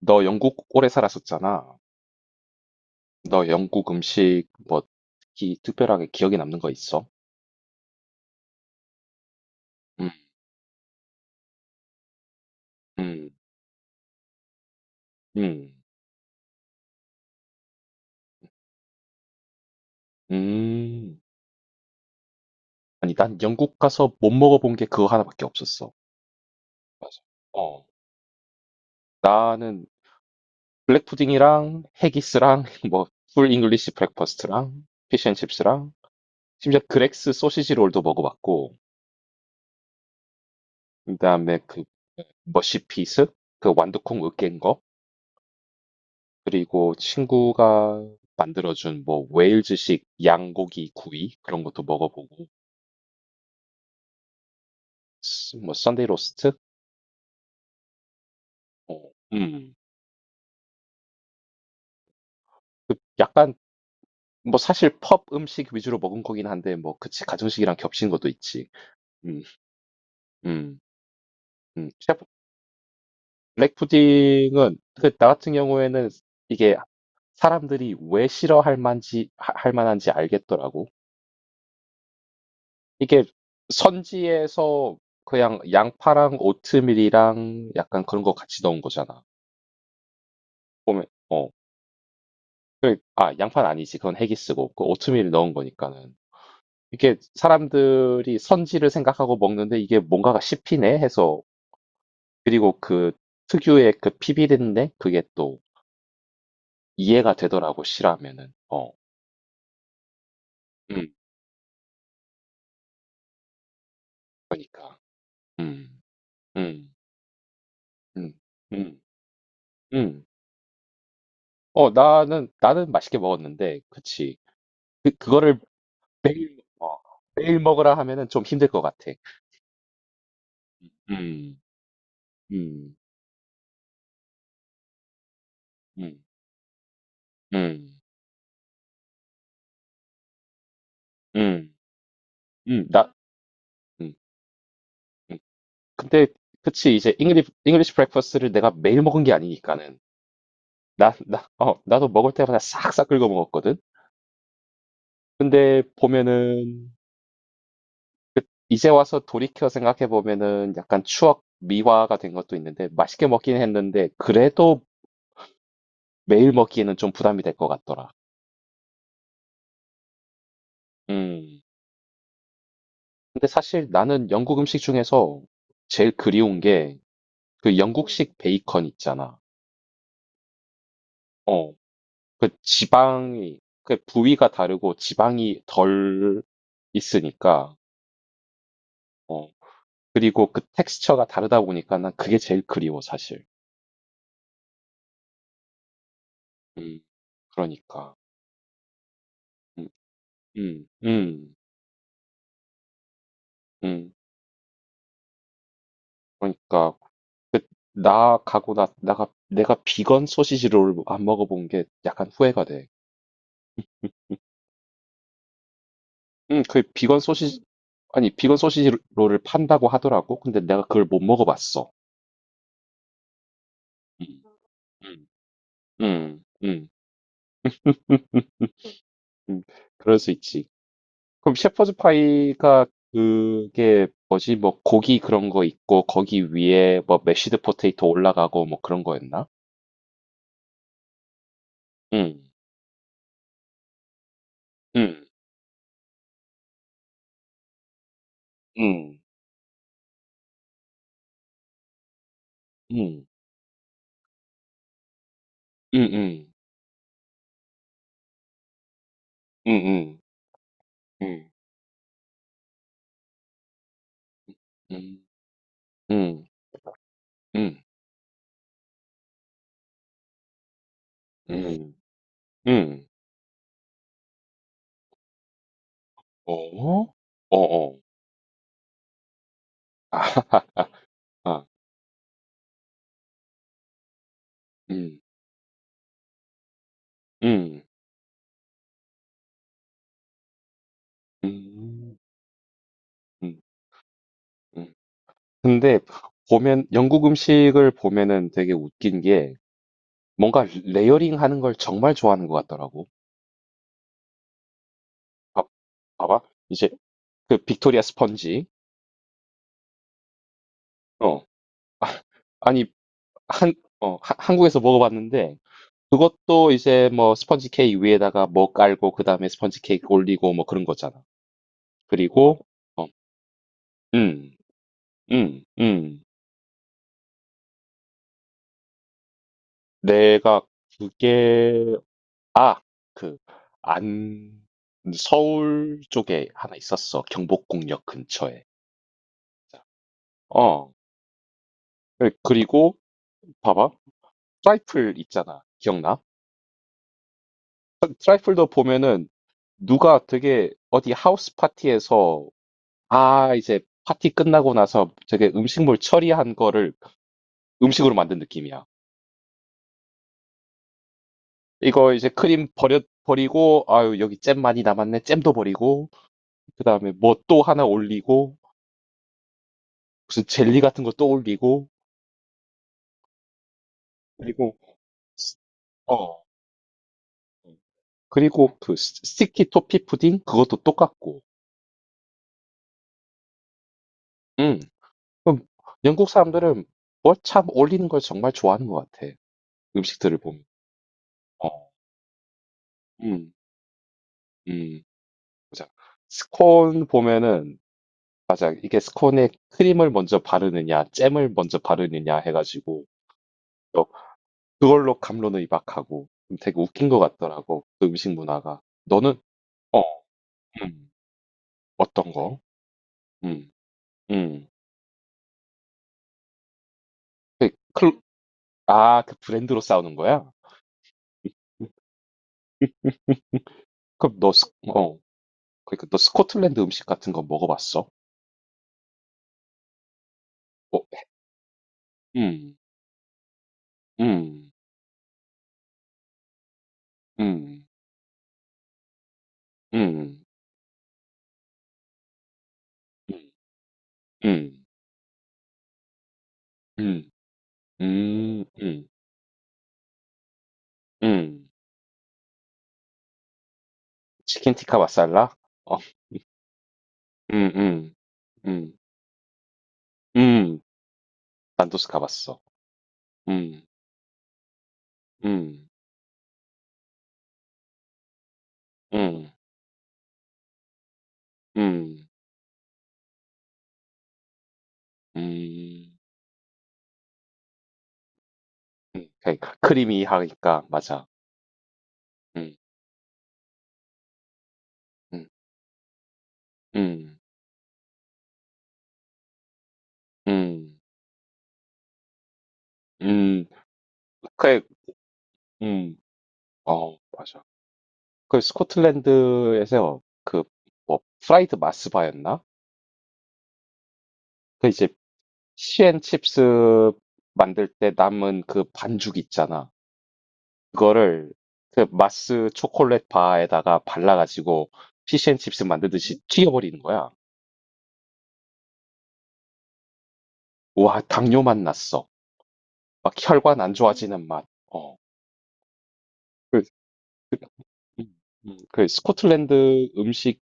너 영국 오래 살았었잖아. 너 영국 음식 뭐 특히 특별하게 기억에 남는 거 있어? 음, 음, 음, 음. 아니, 난 영국 가서 못 먹어본 게 그거 하나밖에 없었어. 맞아. 어, 나는 블랙 푸딩이랑 해기스랑 뭐 풀 잉글리시 브렉퍼스트랑 피쉬앤칩스랑 심지어 그렉스 소시지 롤도 먹어봤고, 그다음에 그 머시피스, 그 완두콩 으깬, 그리고 친구가 만들어준 뭐 웨일즈식 양고기 구이 그런 것도 먹어보고 뭐 썬데이 로스트? 어, 음. 그 약간 뭐 사실 펍 음식 위주로 먹은 거긴 한데 뭐 그치 가정식이랑 겹친 것도 있지. 음, 음, 셰프 블랙 푸딩은 그 나 같은 경우에는 이게 사람들이 왜 싫어할 할 만한지 알겠더라고. 이게 선지에서 그냥 양파랑 오트밀이랑 약간 그런 거 같이 넣은 거잖아. 보면 어. 그래, 아, 양파는 아니지. 그건 헤기스고. 그 오트밀 넣은 거니까는. 이게 사람들이 선지를 생각하고 먹는데 이게 뭔가가 씹히네 해서, 그리고 그 특유의 그 피비린내 그게 또 이해가 되더라고, 싫어하면은. 어. 음. 그러니까. 음. 음. 음. 음. 음. 어, 나는 맛있게 먹었는데. 그치. 그거를 매일 어 매일 먹으라 하면은 좀 힘들 것 같아. 음. 음. 음. 음. 음. 음. 나 음. 음. 근데 그치 이제 잉글리시 브렉퍼스트를 내가 매일 먹은 게 아니니까는. 나 나 어 나도 먹을 때마다 싹싹 긁어 먹었거든. 근데 보면은 그 이제 와서 돌이켜 생각해 보면은 약간 추억 미화가 된 것도 있는데, 맛있게 먹긴 했는데 그래도 매일 먹기에는 좀 부담이 될 것 같더라. 음. 근데 사실 나는 영국 음식 중에서 제일 그리운 게 그 영국식 베이컨 있잖아. 어, 그 지방이, 그 부위가 다르고 지방이 덜 있으니까, 어, 그리고 그 텍스처가 다르다 보니까 난 그게 제일 그리워, 사실. 음, 그러니까. 음, 음, 음, 음. 그러니까. 그, 나 가고 나, 나가, 내가 비건 소시지 롤안 먹어본 게 약간 후회가 돼. 그 비건 소시지, 아니 비건 소시지 롤을 판다고 하더라고. 근데 내가 그걸 못 먹어봤어. 음, 음, 음, 음. 음, 그럴 수 있지. 그럼 셰퍼드 파이가 그게 뭐지? 뭐 고기 그런 거 있고 거기 위에 뭐 메쉬드 포테이토 올라가고 뭐 그런 거였나? 음, 음, 음, 음, 음, 음, 음, 음, 음, 음, 음, 음, 음. 어? 어, 어. 아, 아, 음, 음, 음. 음. 음. 근데 보면 영국 음식을 보면은 되게 웃긴 게 뭔가 레이어링 하는 걸 정말 좋아하는 것 같더라고. 봐, 봐봐. 이제 그 빅토리아 스펀지. 어. 아, 니 한, 한국에서 먹어봤는데 그것도 이제 뭐 스펀지 케이크 위에다가 뭐 깔고 그다음에 스펀지 케이크 올리고 뭐 그런 거잖아. 그리고 어, 음, 음, 음. 내가 그게 아 그 안 서울 쪽에 하나 있었어. 경복궁역 근처에. 어. 그리고 봐봐. 트라이플 있잖아. 기억나? 트 트라이플도 보면은 누가 되게 어디 하우스 파티에서 아 이제 파티 끝나고 나서 되게 음식물 처리한 거를 음식으로 만든 느낌이야. 이거 이제 크림 버려 버리고 아유 여기 잼 많이 남았네. 잼도 버리고 그다음에 뭐 또 하나 올리고 무슨 젤리 같은 거 또 올리고 그리고 어. 어. 그리고 그 스 스티키 토피 푸딩 그것도 똑같고. 음. 그럼 영국 사람들은 뭘 참 올리는 걸 정말 좋아하는 것 같아. 음식들을 보면. 어. 음. 음. 맞아. 스콘 보면은 맞아. 이게 스콘에 크림을 먼저 바르느냐 잼을 먼저 바르느냐 해 가지고 또 그걸로 감론을 이박하고 좀 되게 웃긴 것 같더라고. 그 음식 문화가. 너는 어. 음. 어떤 거? 음. 음. 그 클 아 그 브랜드로 싸우는 거야? 음, 음, 그럼 너 스 어 그러니까 너 스코틀랜드 음식 같은 거 먹어봤어? 어 음. 음. 음. 음. 음. 음. 음. 음. 음. 음. 치킨 티카 마살라? 어. 음. 음. 음. 음. 난도스 가봤어. 음. 음. 음. 음. 음. 음. 그러니까 크리미하니까 맞아. 음. 음. 음. 음. 음. 그래. 음. 어, 맞아. 그 스코틀랜드에서 그 뭐 프라이드 마스바였나? 그 이제 피앤칩스 만들 때 남은 그 반죽 있잖아. 그거를 그 마스 초콜릿 바에다가 발라가지고 피시앤칩스 만들듯이 튀겨버리는 거야. 와, 당뇨 맛 났어. 막 혈관 안 좋아지는 맛. 어. 그, 그, 음, 그 스코틀랜드 음식이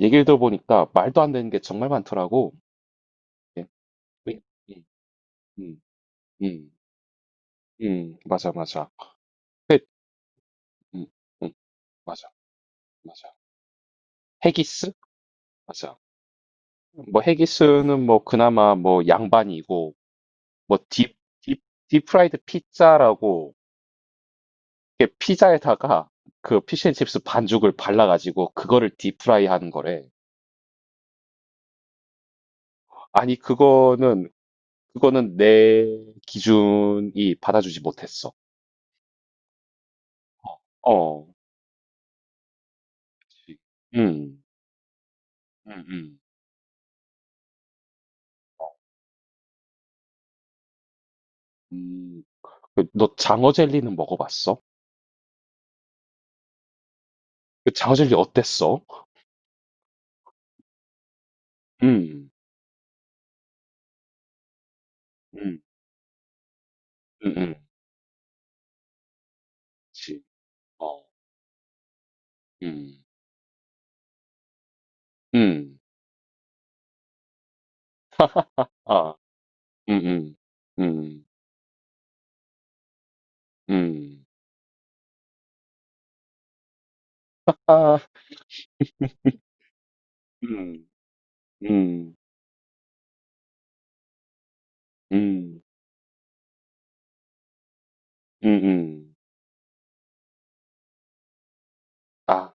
얘기를 들어보니까 말도 안 되는 게 정말 많더라고. 예. 음, 음, 음, 맞아, 맞아. 음, 음, 맞아, 맞아. 헤기스? 맞아. 뭐 헤기스는 뭐 그나마 뭐 양반이고 뭐 딥, 딥프라이드 피자라고, 이게 피자에다가 그 피쉬앤칩스 반죽을 발라가지고 그거를 딥프라이 하는 거래. 아니 그거는 내 기준이 받아주지 못했어. 어, 그치. 음, 음, 음, 음. 그, 너 장어 젤리는 먹어봤어? 그 장어 젤리 어땠어? 음, 음, 음, 음, 그치. 어. 음. 음. 아. 음음. 음. 음. 음. 음. 음. 음음. 아.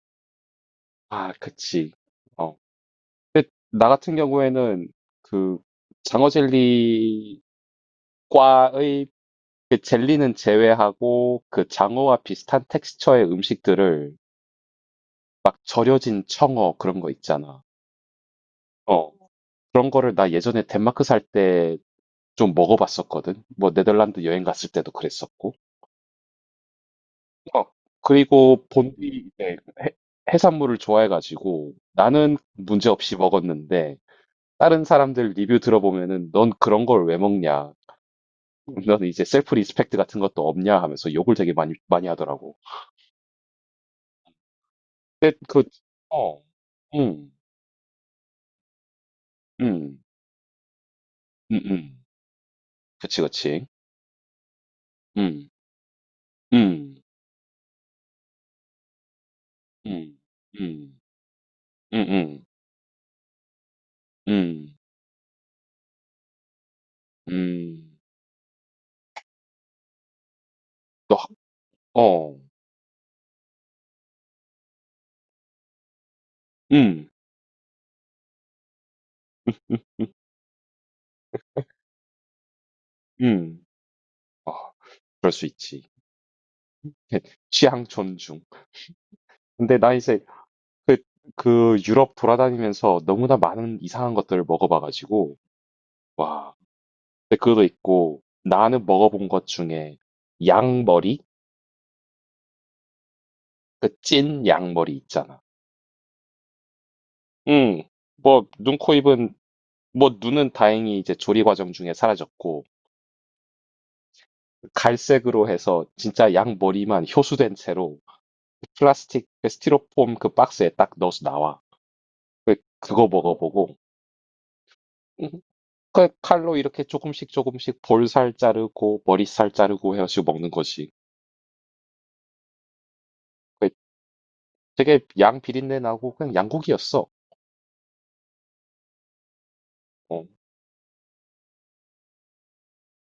아 그치. 어. 근데 나 같은 경우에는 그 장어 젤리과의 그 젤리는 제외하고 그 장어와 비슷한 텍스처의 음식들을, 막 절여진 청어 그런 거 있잖아. 어. 그런 거를 나 예전에 덴마크 살 때 좀 먹어 봤었거든. 뭐 네덜란드 여행 갔을 때도 그랬었고. 어, 그리고 본디 이제 해, 해산물을 좋아해가지고 나는 문제없이 먹었는데 다른 사람들 리뷰 들어보면은 넌 그런 걸 왜 먹냐? 넌 이제 셀프 리스펙트 같은 것도 없냐 하면서 욕을 되게 많이 하더라고. 근데 그 어, 음, 음, 음, 음, 그치, 그치, 음, 음, 음, 음, 음, 음, 음, 음, 너, 하- 어, 음, 음, 음, 아, 그럴 수 있지. 예, 취향 존중. 근데 나 이제 그, 그 유럽 돌아다니면서 너무나 많은 이상한 것들을 먹어봐가지고, 와. 근데 그것도 있고, 나는 먹어본 것 중에 양머리? 그 찐 양머리 있잖아. 응. 뭐, 눈, 코, 입은, 뭐, 눈은 다행히 이제 조리 과정 중에 사라졌고, 갈색으로 해서 진짜 양머리만 효수된 채로 플라스틱, 그 스티로폼 그 박스에 딱 넣어서 나와. 그거 먹어보고, 음, 칼로 이렇게 조금씩 조금씩 볼살 자르고 머리살 자르고 해 가지고 먹는 거지. 그 되게 양 비린내 나고 그냥 양고기였어. 어.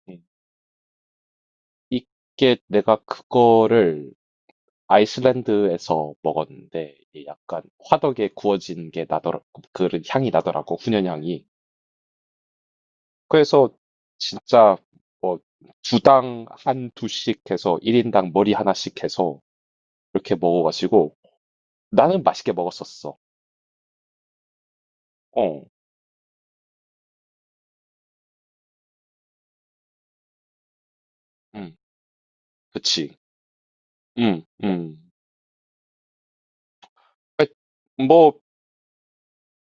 음. 이게 내가 그거를 아이슬란드에서 먹었는데 이게 약간 화덕에 구워진 게 나더라, 그런 향이 나더라고. 훈연향이. 그래서 진짜 뭐 주당 한 두씩 해서 1인당 머리 하나씩 해서 이렇게 먹어 가지고 나는 맛있게 먹었었어. 어. 음. 그치. 음. 음. 그러니까 뭐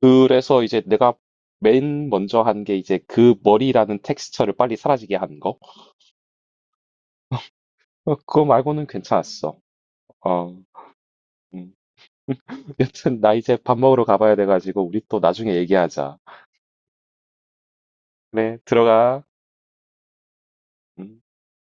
그래서 이제 내가 맨 먼저 한 게 이제 그 머리라는 텍스처를 빨리 사라지게 한 거. 어 그거 말고는 괜찮았어. 어. 음. 여튼 나 이제 밥 먹으러 가 봐야 돼 가지고 우리 또 나중에 얘기하자. 그래 들어가. 음.